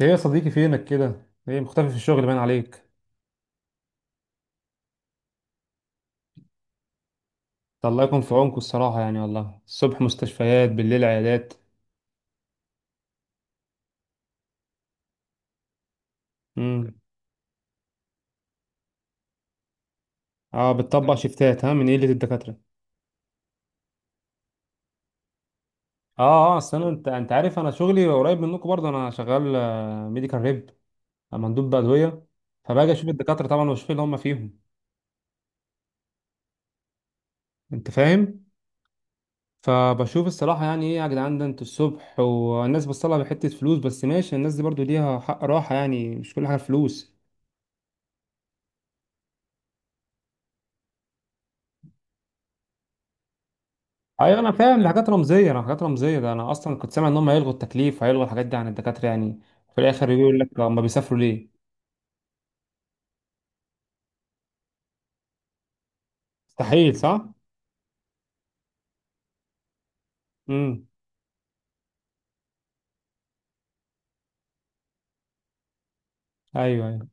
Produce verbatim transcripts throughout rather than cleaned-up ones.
ايه يا صديقي؟ فينك كده؟ ايه مختفي في الشغل باين عليك؟ ده الله يكون في عونكم الصراحه، يعني والله الصبح مستشفيات، بالليل عيادات. امم اه، بتطبق شيفتات، ها، من قله الدكاتره؟ اه. اه، اصل انا انت انت عارف، انا شغلي قريب منكم برضه، انا شغال ميديكال ريب، مندوب بادويه. فباجي اشوف الدكاتره طبعا، واشوف اللي هم فيهم. انت فاهم؟ فبشوف الصراحه يعني: ايه يا جدعان ده، انتوا الصبح والناس بتصلها بحته فلوس؟ بس ماشي، الناس دي برضه ليها حق راحه، يعني مش كل حاجه فلوس. ايوه انا فاهم، دي حاجات رمزيه، انا حاجات رمزيه، ده انا اصلا كنت سامع ان هم هيلغوا التكليف، هيلغوا الحاجات دي عن الدكاتره يعني. في الاخر يقول لك هم بيسافروا ليه؟ مستحيل، صح. امم ايوه، ايوه.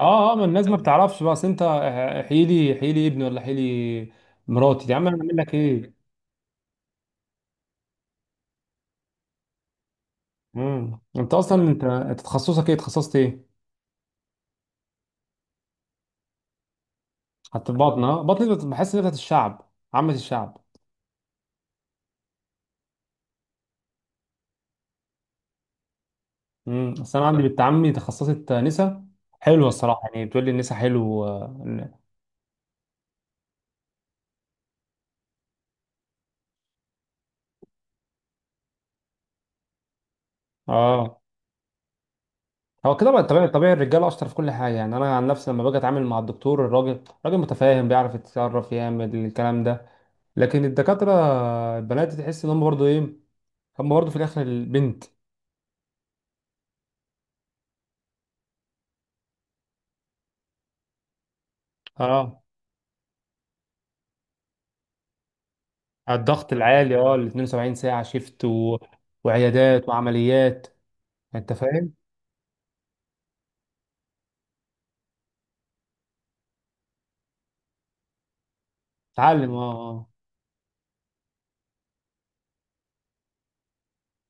اه، اه، ما الناس ما بتعرفش بقى، اصل انت. آه، آه، حيلي لي، احيي لي ابني، ولا حيلي مراتي؟ يا عم انا اعمل لك ايه؟ امم انت اصلا انت انت تخصصك ايه، تخصصت ايه؟ حتى البطن. اه بطني بت- بحس ان بتاعت الشعب، عامه الشعب. امم اصل انا عندي بنت عمي تخصصت نسا، حلوه الصراحه يعني، بتقول لي النسا حلو. اه. هو كده بقى، طبيعي طبيعي، الرجاله اشطر في كل حاجه. يعني انا عن نفسي لما باجي اتعامل مع الدكتور الراجل، راجل متفاهم، بيعرف يتصرف، يعمل الكلام ده. لكن الدكاتره البنات، تحس ان هم برضو ايه، هم برضو في الاخر البنت. اه، على الضغط العالي. اه ال اتنين وسبعين ساعه شيفت و... وعيادات وعمليات. انت فاهم؟ اتعلم، اه، اه.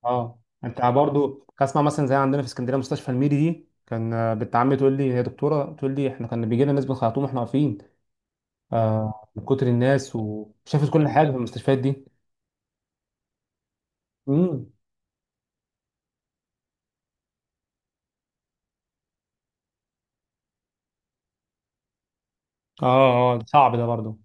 اه، انت برضو اسمع، مثلا زي عندنا في اسكندريه مستشفى الميري دي، كان آه، بنت عمي تقول لي، هي دكتوره، تقول لي: احنا كان بيجي لنا ناس بنخيطوم واحنا واقفين آه، من كتر الناس. وشافت كل حاجه في المستشفيات دي. امم اه، اه صعب ده برضه.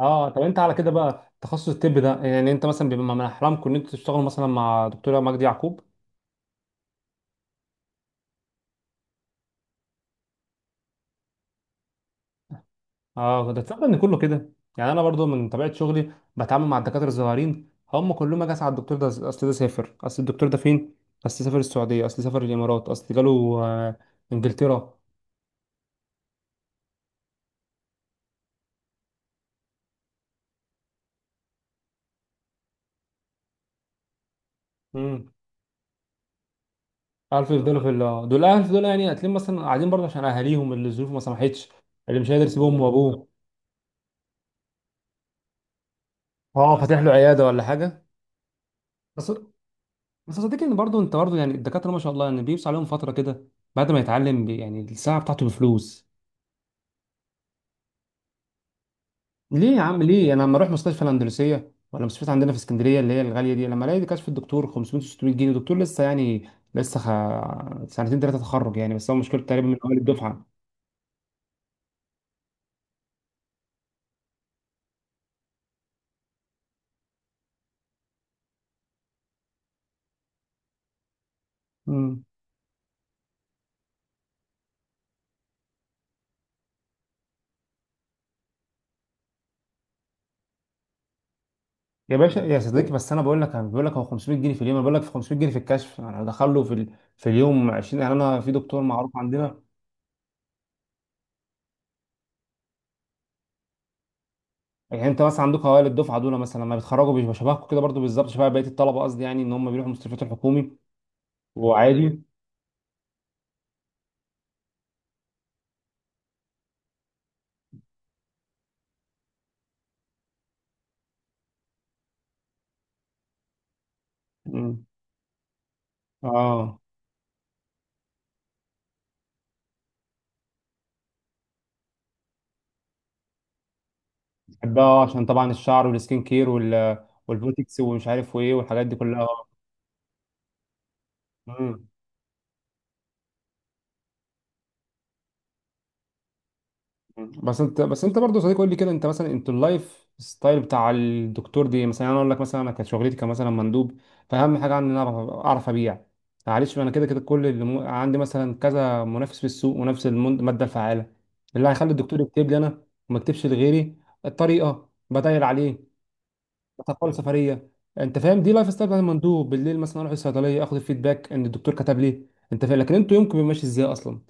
اه. طب انت على كده بقى، تخصص الطب ده يعني، انت مثلا بيبقى من احلامكم ان انتوا تشتغلوا مثلا مع دكتوره مجدي يعقوب؟ اه. ده تصدق ان كله كده، يعني انا برضو من طبيعه شغلي بتعامل مع الدكاتره الصغيرين، هم كلهم اجي اسال على الدكتور ده، اصل ده سافر، اصل الدكتور ده فين، اصل سافر السعوديه، اصل سافر الامارات، اصل جاله آه، انجلترا. امم عارف، يفضلوا في ال- دول الاهل دول، يعني هتلاقيهم مثلا قاعدين برضه عشان اهاليهم، اللي الظروف ما سمحتش، اللي مش قادر يسيب امه وابوه. اه، فاتح له عياده ولا حاجه. بس بس صدقني، ان برضه انت برضه يعني الدكاتره ما شاء الله يعني، بيبص عليهم فتره كده بعد ما يتعلم بي- يعني الساعه بتاعته بفلوس. ليه يا عم ليه؟ انا لما اروح مستشفى الاندلسيه ولا مستشفى عندنا في اسكندريه اللي هي الغاليه دي، لما الاقي كشف الدكتور خمسمية ستمية جنيه، دكتور لسه يعني، لسه خ... سنتين ثلاثه تخرج يعني. بس هو مشكلته تقريبا من اول الدفعه. يا باشا يا صديقي، بس انا بقول لك انا بقول لك، هو خمسمئة جنيه في اليوم. انا بقول لك في خمسمئة جنيه في الكشف، انا هدخله في ال... في اليوم عشرين يعني، انا في دكتور معروف عندنا. يعني انت مثلا عندك اوائل الدفعه دول مثلا لما بيتخرجوا بيبقوا شبهكم كده برضو بالظبط، شبه بقيه الطلبه، قصدي يعني ان هم بيروحوا مستشفيات الحكومي، وعادي. مم. اه. بحبها، آه، عشان طبعا الشعر والسكين كير وال... والبوتكس ومش عارف وايه، والحاجات دي كلها. آه. مم. بس انت بس انت برضه صديق، قول لي كده انت مثلا، انت اللايف ستايل بتاع الدكتور دي مثلا. يعني انا اقول لك مثلا، انا كانت شغلتي كمثلا مندوب، فاهم حاجه عندي ان انا اعرف اعرف ابيع. معلش، انا كده كده، كل اللي مو- عندي مثلا كذا منافس في السوق، ونفس المن- الماده الفعاله اللي هيخلي الدكتور يكتب لي انا وما يكتبش لغيري. الطريقه، بدايل عليه، بتقول سفريه. انت فاهم؟ دي لايف ستايل بتاع المندوب. بالليل مثلا اروح الصيدليه، اخد الفيدباك ان الدكتور كتب ليه. انت فاهم؟ لكن انتوا يومكم بيبقى ماشي ازاي اصلا؟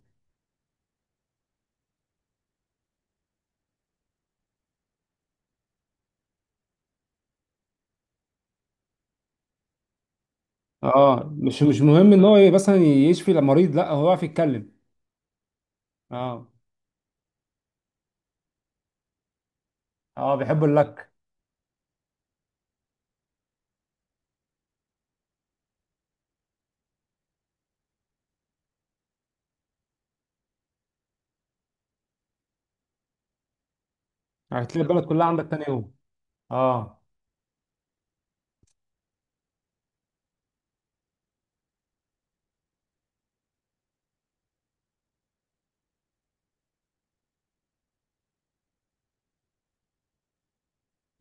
اه، مش مش مهم ان هو ي- مثلا يشفي المريض، لا هو يعرف يتكلم. اه، اه، بيحب اللك. هتلاقي البلد كلها عندك تاني يوم. اه.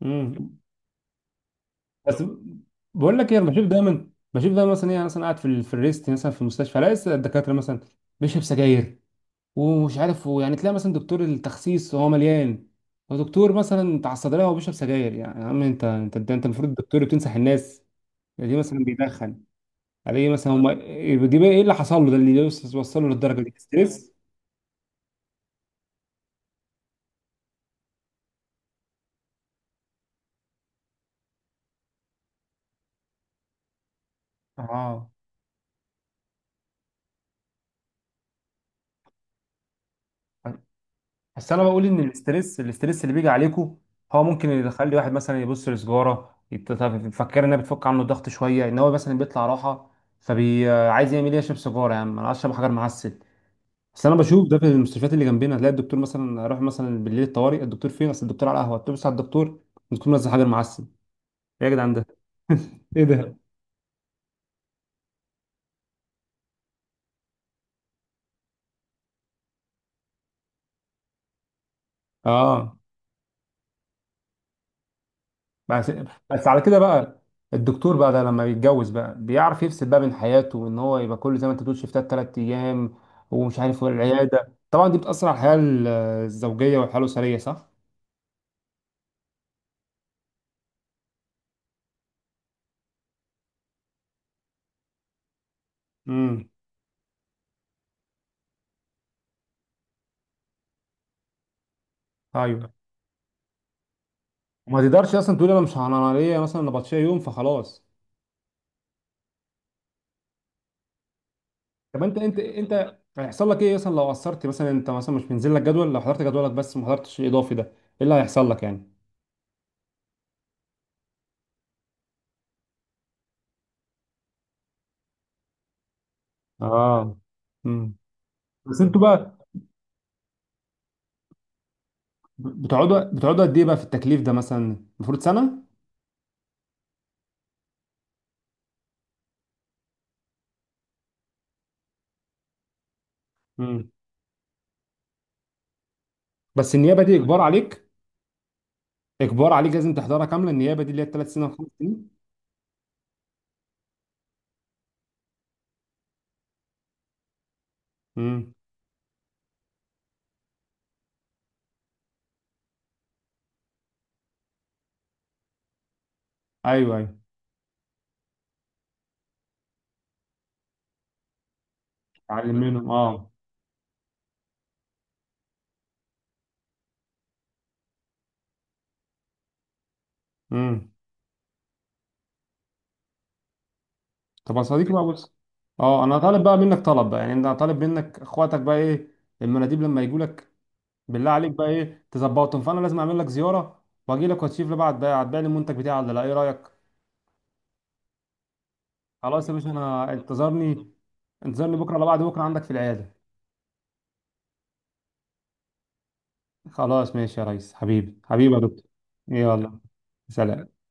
امم بس بقول لك ايه، انا بشوف دايما، بشوف دايما مثلا، ايه أنا مثلا قاعد في ال- في الريست مثلا في المستشفى، الاقي لسه الدكاتره مثلا بيشرب سجاير، ومش عارف، ويعني تلاقي مثلا دكتور التخسيس وهو مليان، ودكتور مثلا بتاع الصيدليه وهو بيشرب سجاير. يعني يا عم، انت انت انت المفروض الدكتور بتنصح الناس دي، مثلا بيدخن على ايه مثلا هم؟ دي بقى ايه اللي حصل له ده، اللي يوصل- وصله للدرجه دي؟ ستريس. اه. بس انا بقول ان الاسترس الاسترس اللي بيجي عليكم، هو ممكن يخلي واحد مثلا يبص لسجاره، يت- يفكر انها بتفك عنه الضغط شويه، ان هو مثلا بيطلع راحه. فبي عايز يعمل ايه؟ يشرب سيجاره. يا عم انا عايز اشرب حجر معسل. بس انا بشوف ده في المستشفيات اللي جنبنا، تلاقي الدكتور مثلا، اروح مثلا بالليل الطوارئ، الدكتور فين؟ اصل الدكتور على القهوه. تبص على الدكتور، بتكون نازل حجر معسل. إيه يا جدعان ده، ايه ده؟ اه. بس بس على كده بقى الدكتور بقى ده لما بيتجوز بقى، بيعرف يفصل بقى بين حياته، وان هو يبقى كل زي ما انت بتقول شيفتات تلات ايام، ومش عارف، والعياده طبعا دي بتاثر على الحياه ال- الزوجيه والحياه الاسريه، صح؟ امم ايوه. وما تقدرش اصلا تقول انا مش انا ليا مثلا نبطشيه يوم فخلاص. طب انت انت انت هيحصل لك ايه مثلا لو قصرت، مثلا انت مثلا مش منزل لك جدول، لو حضرت جدولك بس ما حضرتش الاضافي ده، ايه اللي هيحصل لك يعني؟ اه. امم بس انتوا بقى بتقعدوا بتقعدوا قد ايه بقى في التكليف ده، مثلا المفروض سنه؟ مم. بس النيابه دي اجبار عليك، اجبار عليك، لازم تحضرها كامله، النيابه دي اللي هي التلات سنين والخمس سنين. امم ايوه، ايوه. اتعلم منهم، اه. امم طب يا صديقي بقى، بص، اه، انا طالب بقى منك طلب بقى، يعني انا طالب منك، اخواتك بقى ايه المناديب لما يجوا لك، بالله عليك بقى ايه تظبطهم. فانا لازم اعمل لك زياره، واجي لك، وتشوف لي بقى، هتبيع هتبيع لي المنتج بتاعي ولا لا، ايه رايك؟ خلاص يا باشا، انا، انتظرني، انتظرني بكره ولا بعد بكره عندك في العياده. خلاص ماشي يا ريس، حبيبي حبيبي يا دكتور. يلا سلام.